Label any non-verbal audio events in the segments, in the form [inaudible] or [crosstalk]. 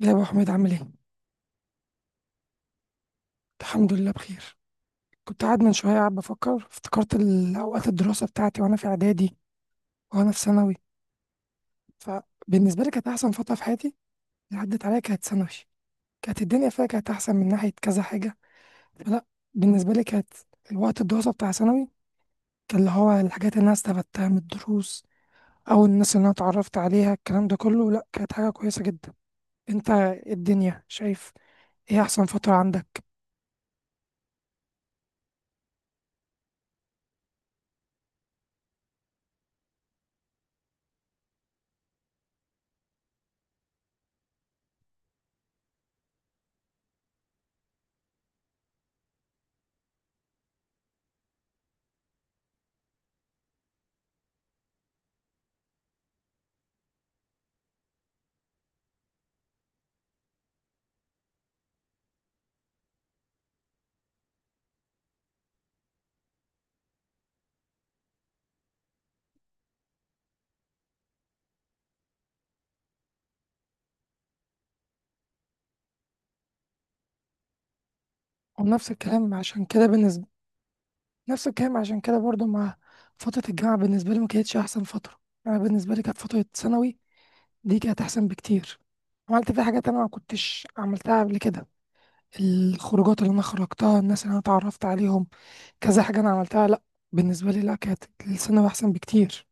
يا ابو حميد، عامل ايه؟ الحمد لله بخير. كنت قاعد من شويه قاعد بفكر، افتكرت اوقات الدراسه بتاعتي وانا في اعدادي وانا في ثانوي. فبالنسبه لي، كانت احسن فتره في حياتي اللي عدت عليا كانت ثانوي. كانت الدنيا فيها، كانت احسن من ناحيه كذا حاجه. فلا، بالنسبه لي كانت الوقت الدراسه بتاع ثانوي، كان اللي هو الحاجات اللي انا استفدتها من الدروس او الناس اللي انا اتعرفت عليها، الكلام ده كله، لا كانت حاجه كويسه جدا. انت الدنيا شايف، ايه احسن فتره عندك؟ ونفس الكلام عشان كده بالنسبه، نفس الكلام عشان كده برضو مع فترة الجامعة، بالنسبة لي ما كانتش أحسن فترة. أنا بالنسبة لي كانت فترة ثانوي دي، كانت أحسن بكتير. عملت فيها حاجات أنا ما كنتش عملتها قبل كده، الخروجات اللي أنا خرجتها، الناس اللي أنا اتعرفت عليهم، كذا حاجة أنا عملتها. لأ بالنسبة لي، لأ كانت الثانوي أحسن بكتير.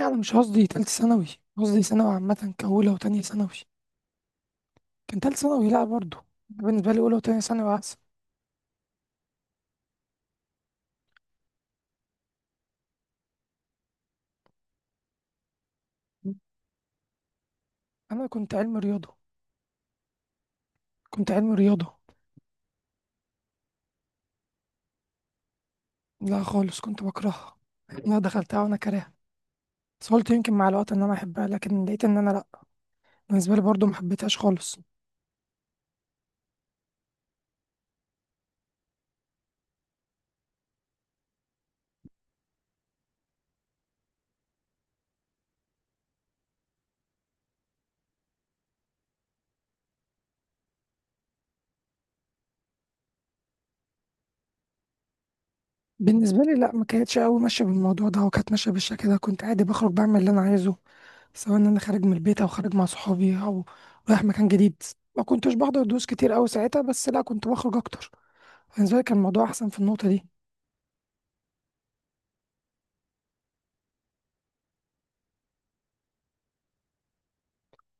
يعني مش قصدي تالتة ثانوي، قصدي ثانوي عامة كأولى وتانية ثانوي. كان تالتة ثانوي لأ برضو. بالنسبة لي أولى وتانية ثانوي أحسن. أنا كنت علم رياضة. كنت علم رياضة. لا خالص، كنت بكرهها. انا دخلتها وانا كارهها، بس قلت يمكن مع الوقت ان انا احبها، لكن لقيت ان انا لا. بالنسبه لي برضو ما حبيتهاش خالص. بالنسبه لي لا، ما كانتش قوي ماشيه بالموضوع ده، وكانت ماشيه بالشكل ده. كنت عادي بخرج، بعمل اللي انا عايزه، سواء ان انا خارج من البيت او خارج مع صحابي او رايح مكان جديد. ما كنتش بحضر دروس كتير قوي ساعتها، بس لا كنت بخرج اكتر. بالنسبه لي كان الموضوع احسن في النقطه دي.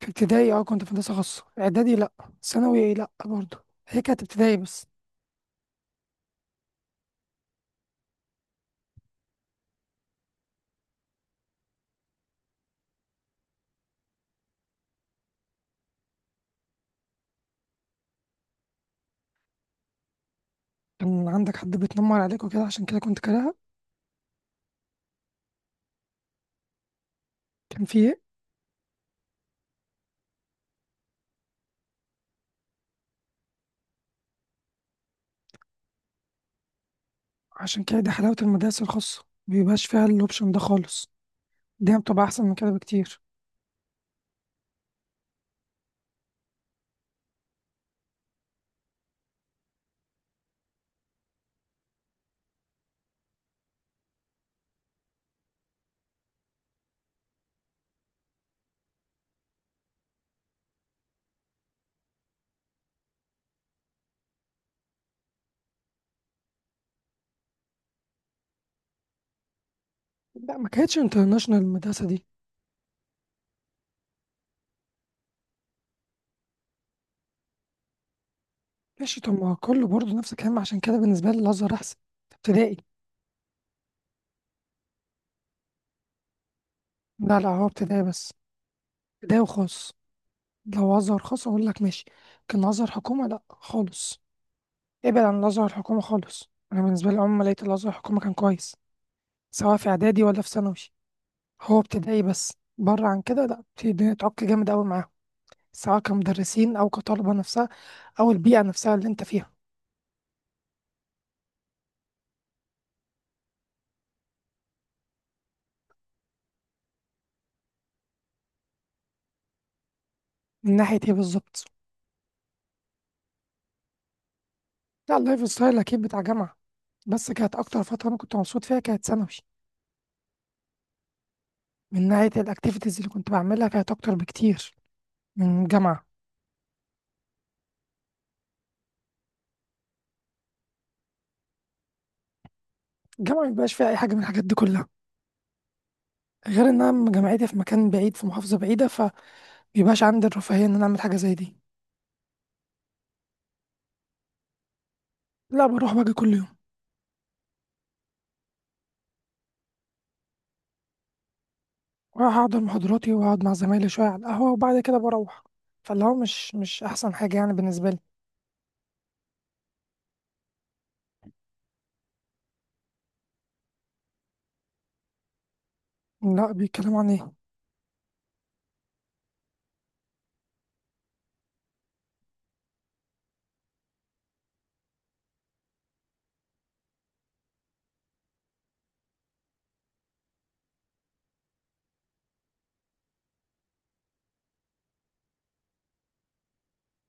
في ابتدائي اه، كنت في هندسه خاصه. اعدادي لا. ثانوي لا برضو. هي كانت ابتدائي بس. كان عندك حد بيتنمر عليك وكده، عشان كده كنت كارهها؟ كان في إيه؟ عشان كده دي حلاوة المدارس الخاصة، مبيبقاش فيها الأوبشن ده خالص. دي بتبقى أحسن من كده بكتير. لا، ما كانتش انترناشونال المدرسة دي. ماشي، طب ما هو كله برضه نفس الكلام. عشان كده بالنسبة لي الأزهر أحسن. ابتدائي. لا لا، هو ابتدائي بس. ابتدائي وخاص. لو أزهر خاص أقول لك ماشي، لكن أزهر حكومة لا خالص. ابعد عن الأزهر الحكومة خالص. أنا بالنسبة لي عمري ما لقيت الأزهر الحكومة كان كويس، سواء في إعدادي ولا في ثانوي. هو ابتدائي بس، بره عن كده لا بتبتدي تعك جامد أوي معاهم، سواء كمدرسين أو كطلبة نفسها، أو البيئة نفسها اللي أنت فيها. من ناحية إيه بالظبط؟ لا، اللايف ستايل أكيد بتاع جامعة. بس كانت أكتر فترة أنا كنت مبسوط فيها كانت ثانوي. من ناحية الأكتيفيتيز اللي كنت بعملها، كانت أكتر بكتير من جامعة. الجامعة مبيبقاش فيها أي حاجة من الحاجات دي كلها. غير إن أنا جامعتي في مكان بعيد، في محافظة بعيدة، فمبيبقاش عندي الرفاهية إن أنا أعمل حاجة زي دي. لا، بروح باجي كل يوم. وأروح أحضر محاضراتي وأقعد مع زمايلي شوية على القهوة، وبعد كده بروح. فاللي هو مش أحسن حاجة يعني بالنسبة لي. لا، بيتكلموا عن إيه؟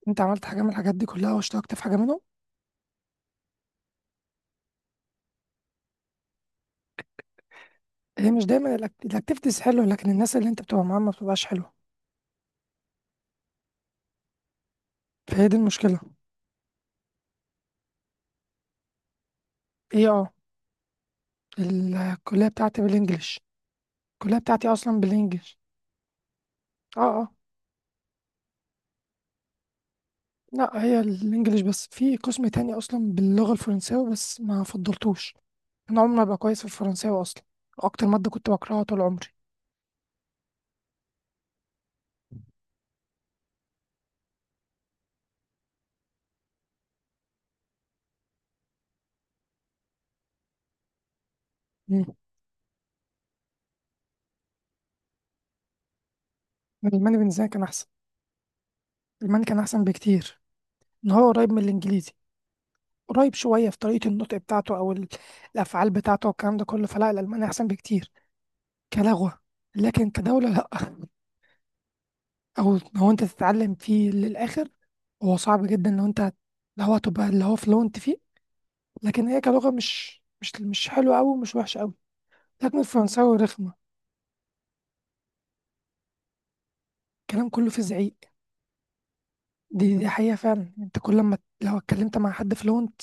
انت عملت حاجه من الحاجات دي كلها، واشتركت في حاجه منهم؟ هي مش دايما الاكتيفيتيز حلوه، لكن الناس اللي انت بتبقى معاهم ما بتبقاش حلوه. فهي دي المشكله. ايه اه، الكليه بتاعتي بالانجلش. الكليه بتاعتي اصلا بالانجلش. اه اه. لا، هي الانجليش بس. في قسم تاني اصلا باللغه الفرنساوي، بس ما فضلتوش. انا عمري ما ابقى كويس في الفرنساوي اصلا. اكتر ماده كنت بكرهها طول عمري. مم. الالماني بالنسبه لي كان احسن. الالماني كان احسن بكتير. ان هو قريب من الانجليزي، قريب شوية في طريقة النطق بتاعته أو الأفعال بتاعته والكلام ده كله. فلا، الألماني أحسن بكتير كلغة، لكن كدولة لأ. [laughs] أو لو أنت تتعلم فيه للآخر. هو صعب جدا، لو هتبقى اللي هو فلونت فيه. لكن هي كلغة مش حلوة أوي ومش وحشة أوي. لكن الفرنساوي رخمة. الكلام كله فيه زعيق. دي حقيقة فعلا. أنت كل ما لو اتكلمت مع حد فلونت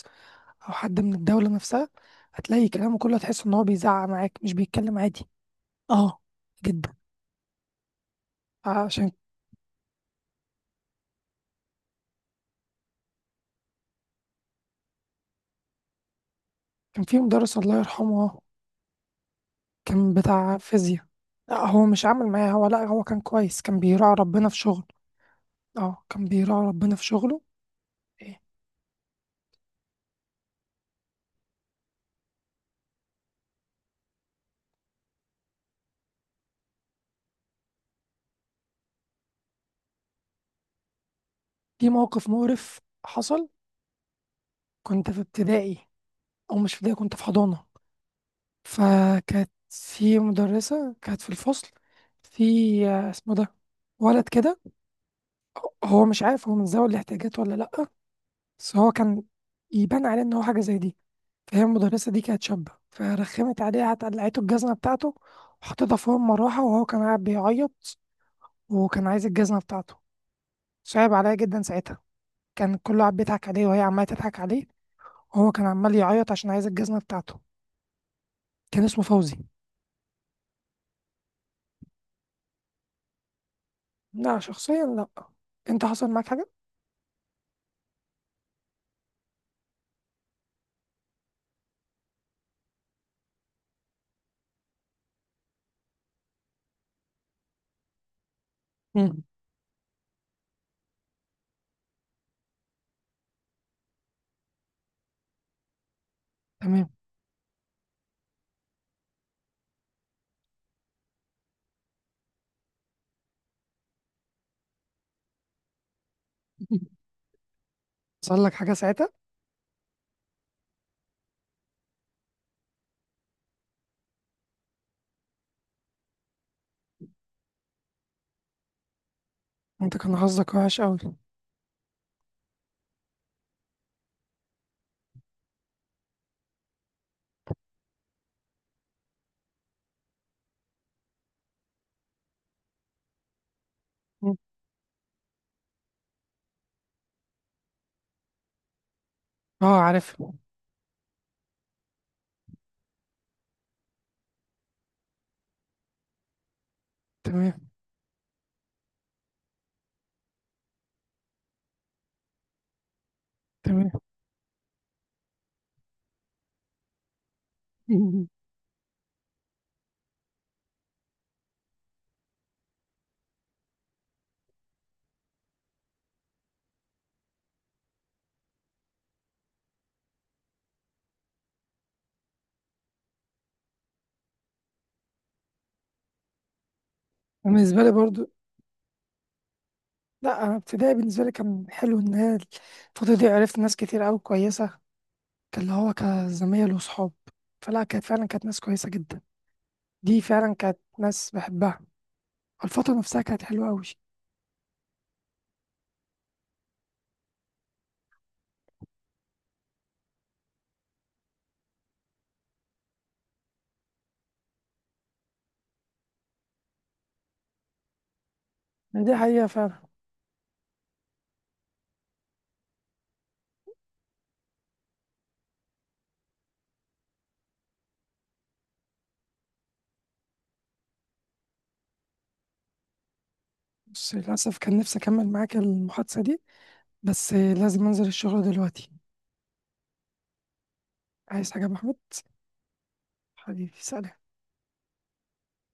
أو حد من الدولة نفسها، هتلاقي كلامه كله، هتحس إن هو بيزعق معاك مش بيتكلم عادي. أه، جدا. عشان كان في مدرس الله يرحمه، كان بتاع فيزياء. لا، هو مش عامل معايا، هو لا، هو كان كويس، كان بيراعي ربنا في شغله. اه، كان بيراعي ربنا في شغله. إيه. في موقف مقرف حصل. كنت في ابتدائي، او مش في ابتدائي، كنت في حضانة. فكانت في مدرسة، كانت في الفصل، في اسمه ده، ولد كده. هو مش عارف، هو من ذوي الاحتياجات ولا لأ، بس هو كان يبان عليه ان هو حاجة زي دي. فهي المدرسة دي كانت شابة، فرخمت عليه، قعدت قلعته الجزمة بتاعته وحطيتها فوق المروحة، وهو كان قاعد بيعيط وكان عايز الجزمة بتاعته. صعب عليا جدا ساعتها. كان كله قاعد بيضحك عليه وهي عمالة تضحك عليه، وهو كان عمال يعيط عشان عايز الجزمة بتاعته. كان اسمه فوزي. لا، شخصيا لا. انت حصل معاك حاجة؟ مم. تمام. [laughs] حصل لك حاجة ساعتها؟ انت كان حظك وحش قوي. اه، عارف. تمام. تمام. [laughs] بالنسبة لي برضو. لا انا ابتدائي بالنسبه لي كان حلو. ان هي الفتره دي عرفت ناس كتير قوي كويسه، كان اللي هو كزمايل وصحاب. فلا، كانت فعلا كانت ناس كويسه جدا، دي فعلا كانت ناس بحبها. الفتره نفسها كانت حلوه قوي. دي حقيقه فعلا. بس للاسف كان نفسي اكمل معاك المحادثه دي، بس لازم انزل الشغل دلوقتي. عايز حاجه يا محمد؟ حبيبي، سلام.